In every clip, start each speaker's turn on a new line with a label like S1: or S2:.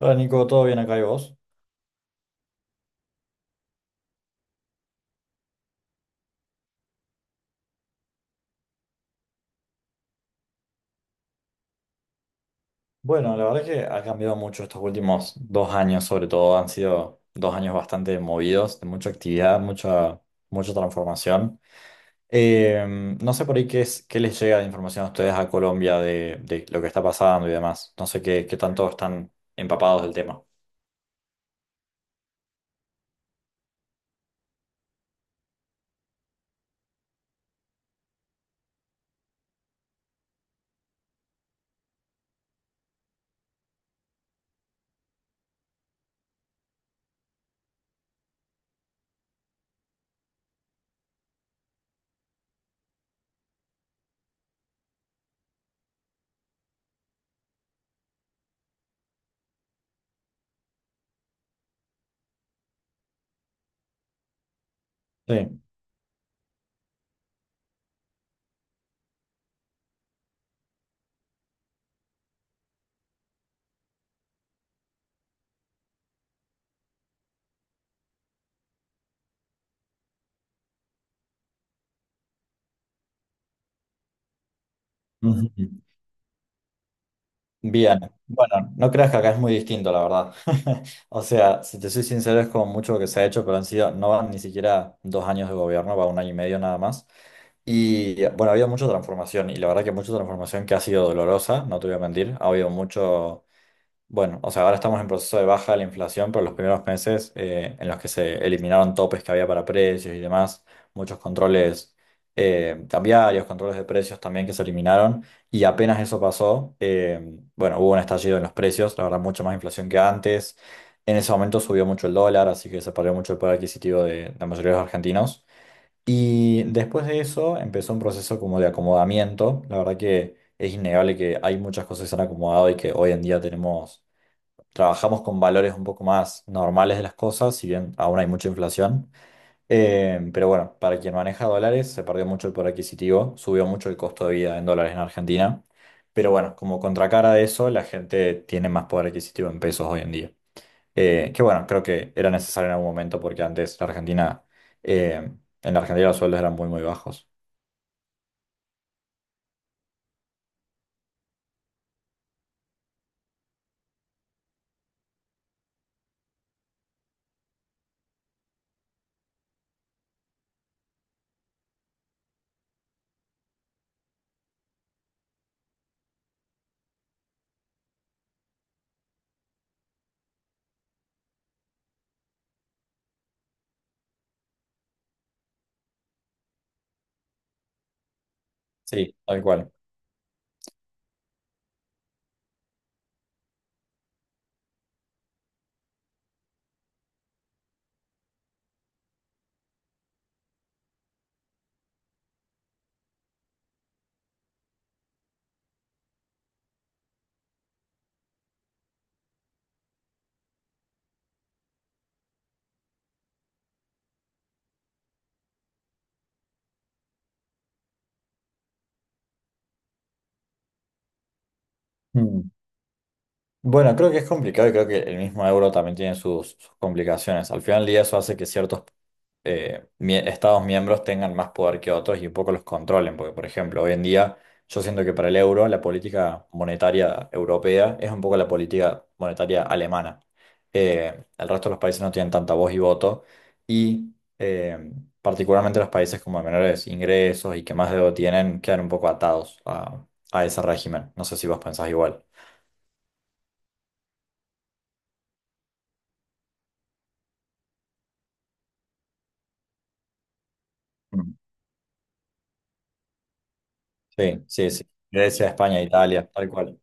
S1: Hola Nico, ¿todo bien acá y vos? Bueno, la verdad es que ha cambiado mucho estos últimos 2 años, sobre todo. Han sido 2 años bastante movidos, de mucha actividad, mucha transformación. Eh, no sé por ahí qué les llega de información a ustedes a Colombia de lo que está pasando y demás. No sé qué tanto están empapados del tema. Sí. Ujú. Bien. Bueno, no creas que acá es muy distinto, la verdad. O sea, si te soy sincero, es como mucho lo que se ha hecho, pero han sido, no van ni siquiera 2 años de gobierno, va un año y medio nada más. Y bueno, ha habido mucha transformación y la verdad que mucha transformación que ha sido dolorosa, no te voy a mentir. Bueno, o sea, ahora estamos en proceso de baja de la inflación, pero los primeros meses en los que se eliminaron topes que había para precios y demás, muchos controles cambiarios, controles de precios también que se eliminaron y apenas eso pasó, bueno, hubo un estallido en los precios, la verdad, mucha más inflación que antes. En ese momento subió mucho el dólar, así que se perdió mucho el poder adquisitivo de la mayoría de los argentinos. Y después de eso empezó un proceso como de acomodamiento. La verdad que es innegable que hay muchas cosas que se han acomodado y que hoy en día tenemos, trabajamos con valores un poco más normales de las cosas, si bien aún hay mucha inflación. Pero bueno, para quien maneja dólares se perdió mucho el poder adquisitivo, subió mucho el costo de vida en dólares en Argentina. Pero bueno, como contracara de eso, la gente tiene más poder adquisitivo en pesos hoy en día. Que bueno, creo que era necesario en algún momento porque antes la Argentina, eh, en la Argentina los sueldos eran muy, muy bajos. Sí, tal cual. Mm. Bueno, creo que es complicado y creo que el mismo euro también tiene sus complicaciones. Al final del día eso hace que ciertos estados miembros tengan más poder que otros y un poco los controlen, porque por ejemplo, hoy en día yo siento que para el euro la política monetaria europea es un poco la política monetaria alemana. El resto de los países no tienen tanta voz y voto y particularmente los países como de menores ingresos y que más deuda tienen quedan un poco atados a ese régimen. No sé si vos pensás igual. Sí, sí, sí. Grecia, España, Italia, tal cual.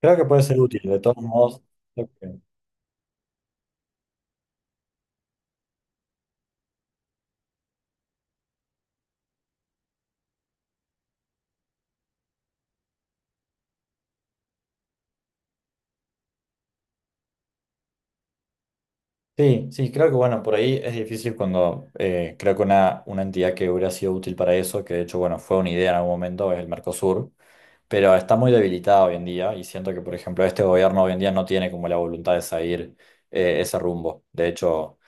S1: Creo que puede ser útil, de todos modos. creo que- Sí, sí, creo que bueno, por ahí es difícil cuando creo que una entidad que hubiera sido útil para eso, que de hecho, bueno, fue una idea en algún momento, es el Mercosur, pero está muy debilitada hoy en día y siento que, por ejemplo, este gobierno hoy en día no tiene como la voluntad de seguir ese rumbo. De hecho,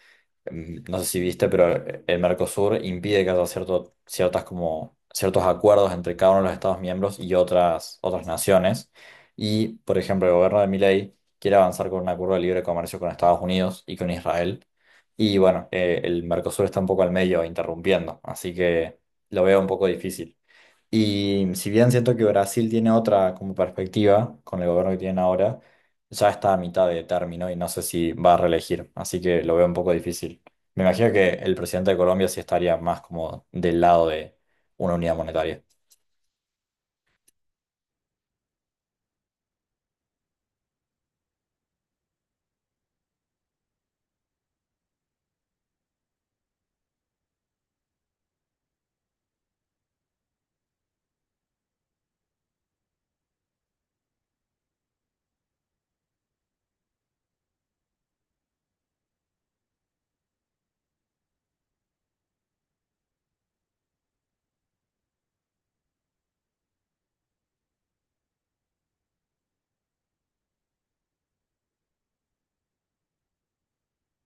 S1: no sé si viste, pero el Mercosur impide que haya ciertos acuerdos entre cada uno de los Estados miembros y otras naciones. Y, por ejemplo, el gobierno de Milei quiere avanzar con un acuerdo de libre comercio con Estados Unidos y con Israel. Y bueno, el Mercosur está un poco al medio, interrumpiendo, así que lo veo un poco difícil. Y si bien siento que Brasil tiene otra como perspectiva con el gobierno que tienen ahora, ya está a mitad de término y no sé si va a reelegir, así que lo veo un poco difícil. Me imagino que el presidente de Colombia sí estaría más como del lado de una unidad monetaria.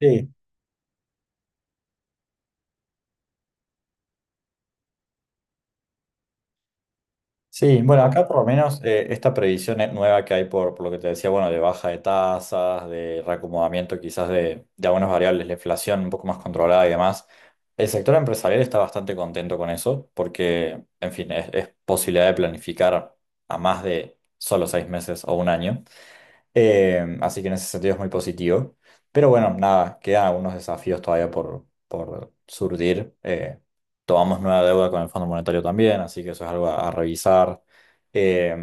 S1: Sí, sí, bueno, acá por lo menos esta previsión nueva que hay por lo que te decía, bueno, de baja de tasas, de reacomodamiento quizás de algunas variables, la inflación un poco más controlada y demás, el sector empresarial está bastante contento con eso porque, en fin, es posibilidad de planificar a más de solo 6 meses o un año. Así que en ese sentido es muy positivo. Pero bueno, nada, quedan algunos desafíos todavía por surgir. Tomamos nueva deuda con el Fondo Monetario también, así que eso es algo a revisar. Eh,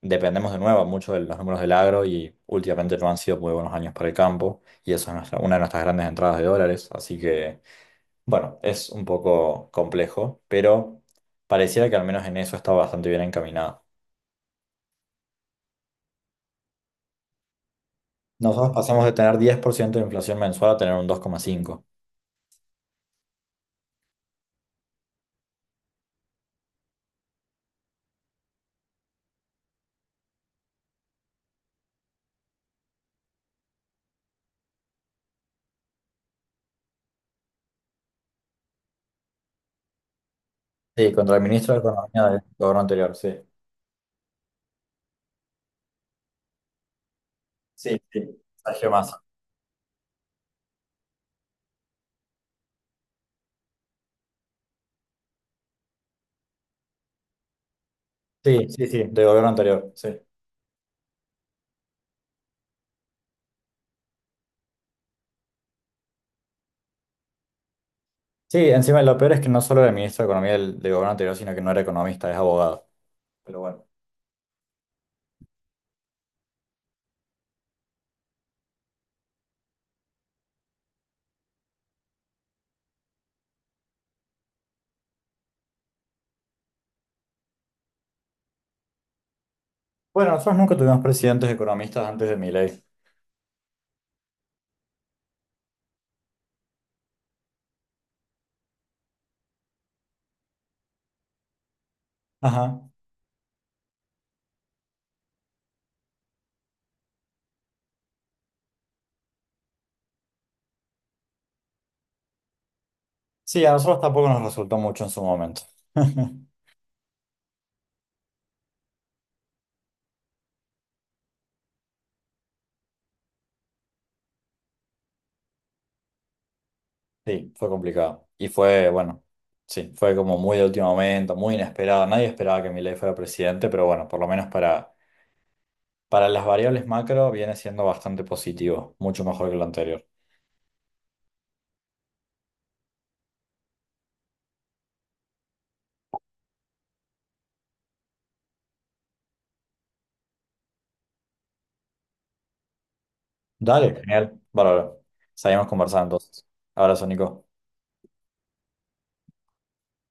S1: dependemos de nuevo mucho de los números del agro y últimamente no han sido muy buenos años para el campo y eso es una de nuestras grandes entradas de dólares. Así que bueno, es un poco complejo, pero pareciera que al menos en eso está bastante bien encaminado. Nosotros pasamos de tener 10% de inflación mensual a tener un 2,5. Sí, contra el ministro de Economía del gobierno anterior, sí. Sí, sí, Sergio Massa. Sí, sí, sí, del gobierno anterior, sí. Sí, encima lo peor es que no solo era el ministro de Economía del gobierno anterior, sino que no era economista, es abogado. Pero bueno. Bueno, nosotros nunca tuvimos presidentes economistas antes de Milei. Ajá. Sí, a nosotros tampoco nos resultó mucho en su momento. Sí, fue complicado. Y fue, bueno, sí, fue como muy de último momento, muy inesperado. Nadie esperaba que Milei fuera presidente, pero bueno, por lo menos para las variables macro viene siendo bastante positivo, mucho mejor que lo anterior. Dale, genial. Bárbaro. Seguimos conversando entonces. Abrazo, Nico.